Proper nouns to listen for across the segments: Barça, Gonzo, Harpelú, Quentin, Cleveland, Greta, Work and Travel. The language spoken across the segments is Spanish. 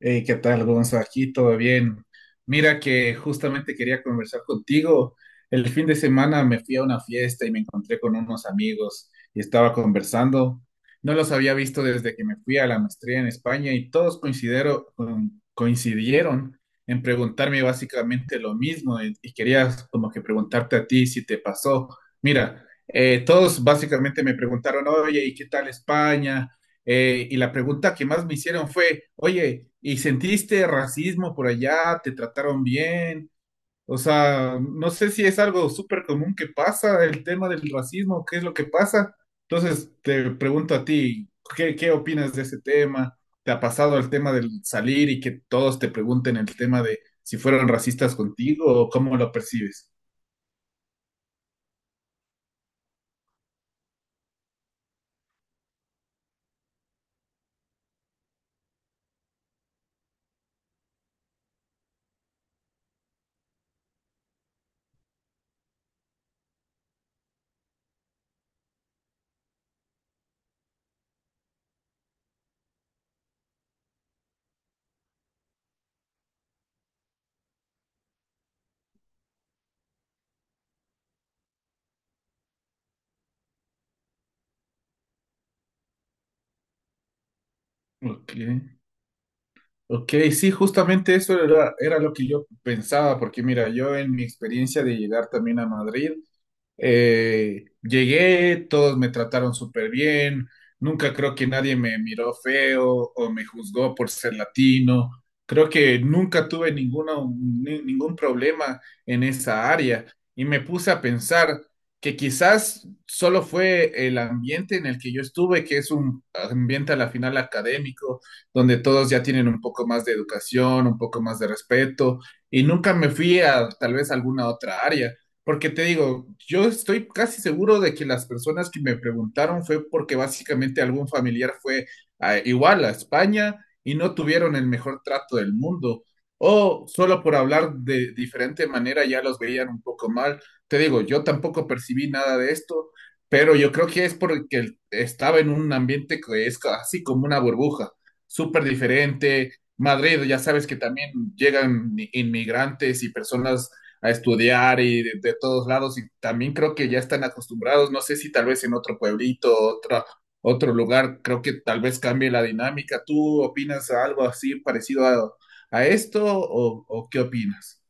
Hey, ¿qué tal, Gonzo? Aquí todo bien. Mira que justamente quería conversar contigo. El fin de semana me fui a una fiesta y me encontré con unos amigos y estaba conversando. No los había visto desde que me fui a la maestría en España y todos coincidieron en preguntarme básicamente lo mismo y quería como que preguntarte a ti si te pasó. Mira, todos básicamente me preguntaron, oye, ¿y qué tal España? Y la pregunta que más me hicieron fue, oye, ¿y sentiste racismo por allá? ¿Te trataron bien? O sea, no sé si es algo súper común que pasa, el tema del racismo, qué es lo que pasa. Entonces, te pregunto a ti, ¿qué opinas de ese tema? ¿Te ha pasado el tema del salir y que todos te pregunten el tema de si fueron racistas contigo o cómo lo percibes? Ok. Ok, sí, justamente eso era lo que yo pensaba, porque mira, yo en mi experiencia de llegar también a Madrid, llegué, todos me trataron súper bien, nunca creo que nadie me miró feo o me juzgó por ser latino. Creo que nunca tuve ninguno, ningún problema en esa área y me puse a pensar que quizás solo fue el ambiente en el que yo estuve, que es un ambiente a la final académico, donde todos ya tienen un poco más de educación, un poco más de respeto y nunca me fui a tal vez alguna otra área. Porque te digo, yo estoy casi seguro de que las personas que me preguntaron fue porque básicamente algún familiar fue igual a España y no tuvieron el mejor trato del mundo. O solo por hablar de diferente manera ya los veían un poco mal. Te digo, yo tampoco percibí nada de esto, pero yo creo que es porque estaba en un ambiente que es así como una burbuja, súper diferente. Madrid, ya sabes que también llegan inmigrantes y personas a estudiar y de todos lados, y también creo que ya están acostumbrados, no sé si tal vez en otro pueblito, otro lugar, creo que tal vez cambie la dinámica. ¿Tú opinas algo así parecido a esto o qué opinas?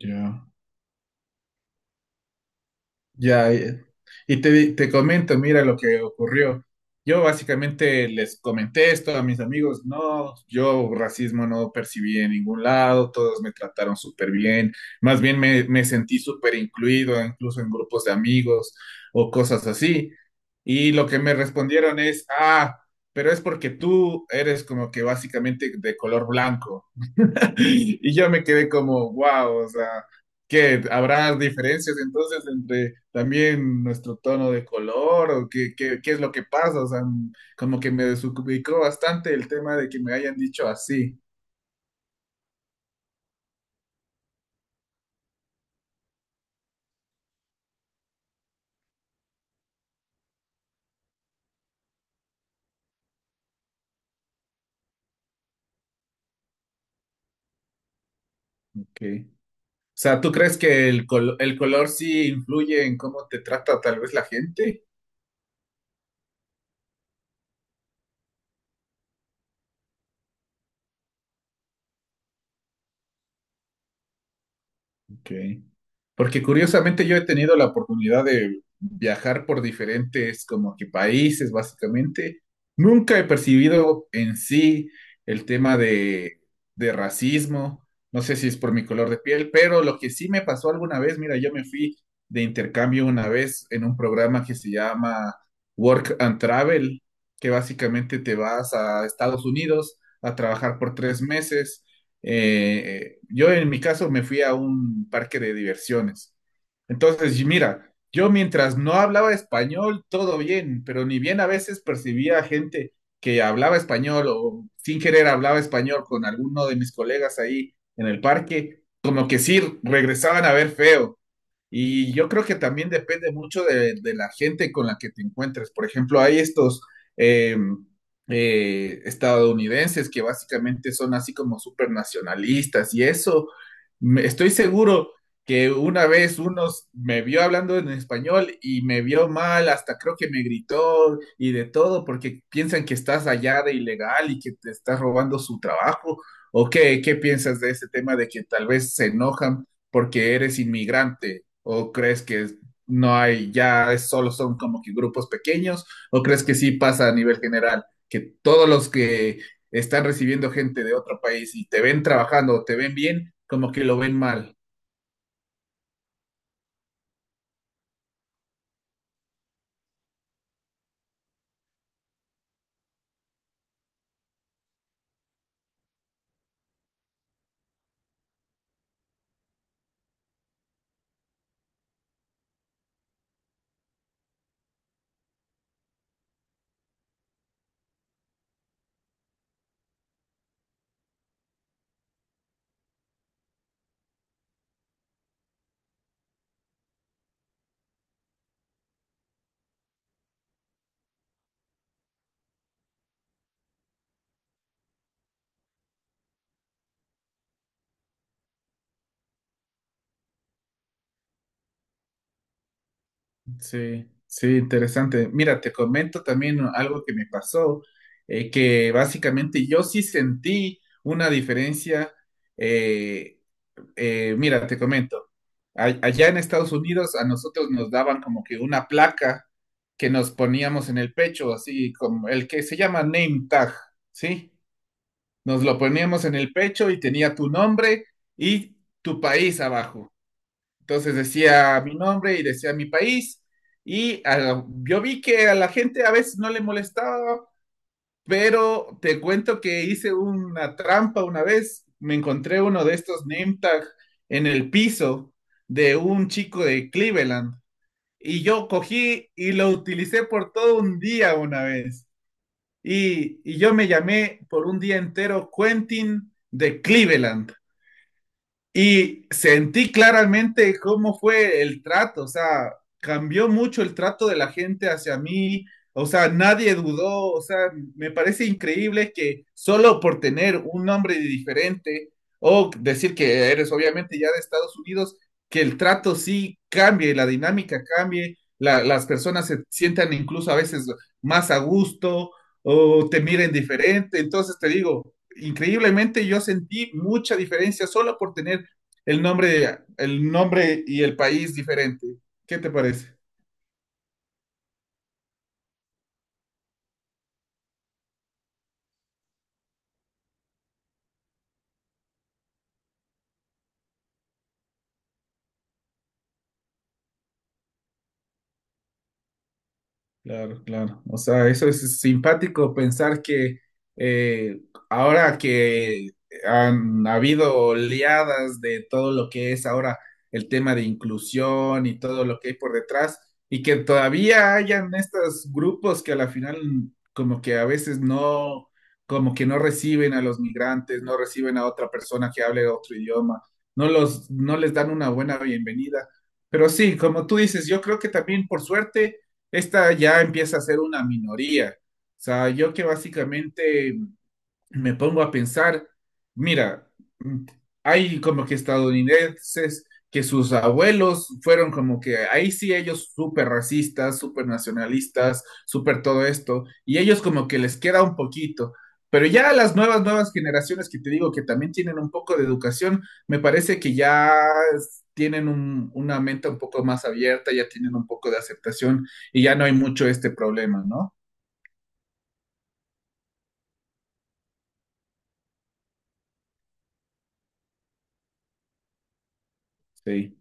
Ya. Ya, ya. Y te comento, mira lo que ocurrió. Yo básicamente les comenté esto a mis amigos, no, yo racismo no percibí en ningún lado, todos me trataron súper bien, más bien me sentí súper incluido, incluso en grupos de amigos o cosas así. Y lo que me respondieron es, ah, pero es porque tú eres como que básicamente de color blanco. Y yo me quedé como, wow, o sea, ¿qué? ¿Habrá diferencias entonces entre también nuestro tono de color o qué es lo que pasa? O sea, como que me desubicó bastante el tema de que me hayan dicho así. Ok. O sea, ¿tú crees que el color sí influye en cómo te trata tal vez la gente? Ok. Porque curiosamente yo he tenido la oportunidad de viajar por diferentes como que países, básicamente. Nunca he percibido en sí el tema de racismo. No sé si es por mi color de piel, pero lo que sí me pasó alguna vez, mira, yo me fui de intercambio una vez en un programa que se llama Work and Travel, que básicamente te vas a Estados Unidos a trabajar por 3 meses. Yo en mi caso me fui a un parque de diversiones. Entonces, y mira, yo mientras no hablaba español, todo bien, pero ni bien a veces percibía gente que hablaba español o sin querer hablaba español con alguno de mis colegas ahí en el parque, como que sí regresaban a ver feo. Y yo creo que también depende mucho de la gente con la que te encuentres. Por ejemplo, hay estos eh, estadounidenses que básicamente son así como súper nacionalistas y eso, estoy seguro que una vez unos me vio hablando en español y me vio mal, hasta creo que me gritó y de todo porque piensan que estás allá de ilegal y que te estás robando su trabajo. ¿O qué piensas de ese tema de que tal vez se enojan porque eres inmigrante? ¿O crees que no hay, solo son como que grupos pequeños? ¿O crees que sí pasa a nivel general, que todos los que están recibiendo gente de otro país y te ven trabajando o te ven bien, como que lo ven mal? Sí, sí, interesante. Mira, te comento también algo que me pasó, que básicamente yo sí sentí una diferencia. eh, Mira, te comento, allá en Estados Unidos a nosotros nos daban como que una placa que nos poníamos en el pecho, así como el que se llama name tag, ¿sí? Nos lo poníamos en el pecho y tenía tu nombre y tu país abajo. Entonces decía mi nombre y decía mi país. Y yo vi que a la gente a veces no le molestaba, pero te cuento que hice una trampa una vez. Me encontré uno de estos name tag en el piso de un chico de Cleveland. Y yo cogí y lo utilicé por todo un día una vez. Y yo me llamé por un día entero Quentin de Cleveland. Y sentí claramente cómo fue el trato, o sea, cambió mucho el trato de la gente hacia mí, o sea, nadie dudó, o sea, me parece increíble que solo por tener un nombre diferente o decir que eres obviamente ya de Estados Unidos, que el trato sí cambie, la dinámica cambie, las personas se sientan incluso a veces más a gusto o te miren diferente. Entonces te digo, increíblemente yo sentí mucha diferencia solo por tener el nombre y el país diferente. ¿Qué te parece? Claro, claro. O sea, eso es simpático pensar que eh, ahora que han habido oleadas de todo lo que es ahora el tema de inclusión y todo lo que hay por detrás, y que todavía hayan estos grupos que a la final como que a veces no, como que no reciben a los migrantes, no reciben a otra persona que hable otro idioma, no les dan una buena bienvenida. Pero sí, como tú dices, yo creo que también por suerte esta ya empieza a ser una minoría. O sea, yo que básicamente me pongo a pensar, mira, hay como que estadounidenses que sus abuelos fueron como que ahí sí ellos súper racistas, súper nacionalistas, súper todo esto, y ellos como que les queda un poquito. Pero ya las nuevas generaciones que te digo que también tienen un poco de educación, me parece que ya tienen una mente un poco más abierta, ya tienen un poco de aceptación y ya no hay mucho este problema, ¿no? Sí,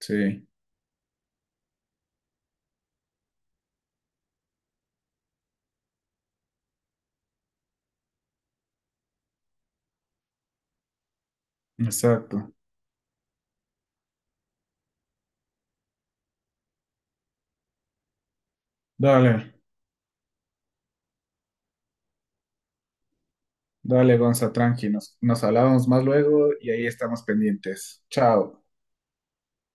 sí, exacto. Dale. Dale, Gonza, tranqui, nos hablamos más luego y ahí estamos pendientes. Chao.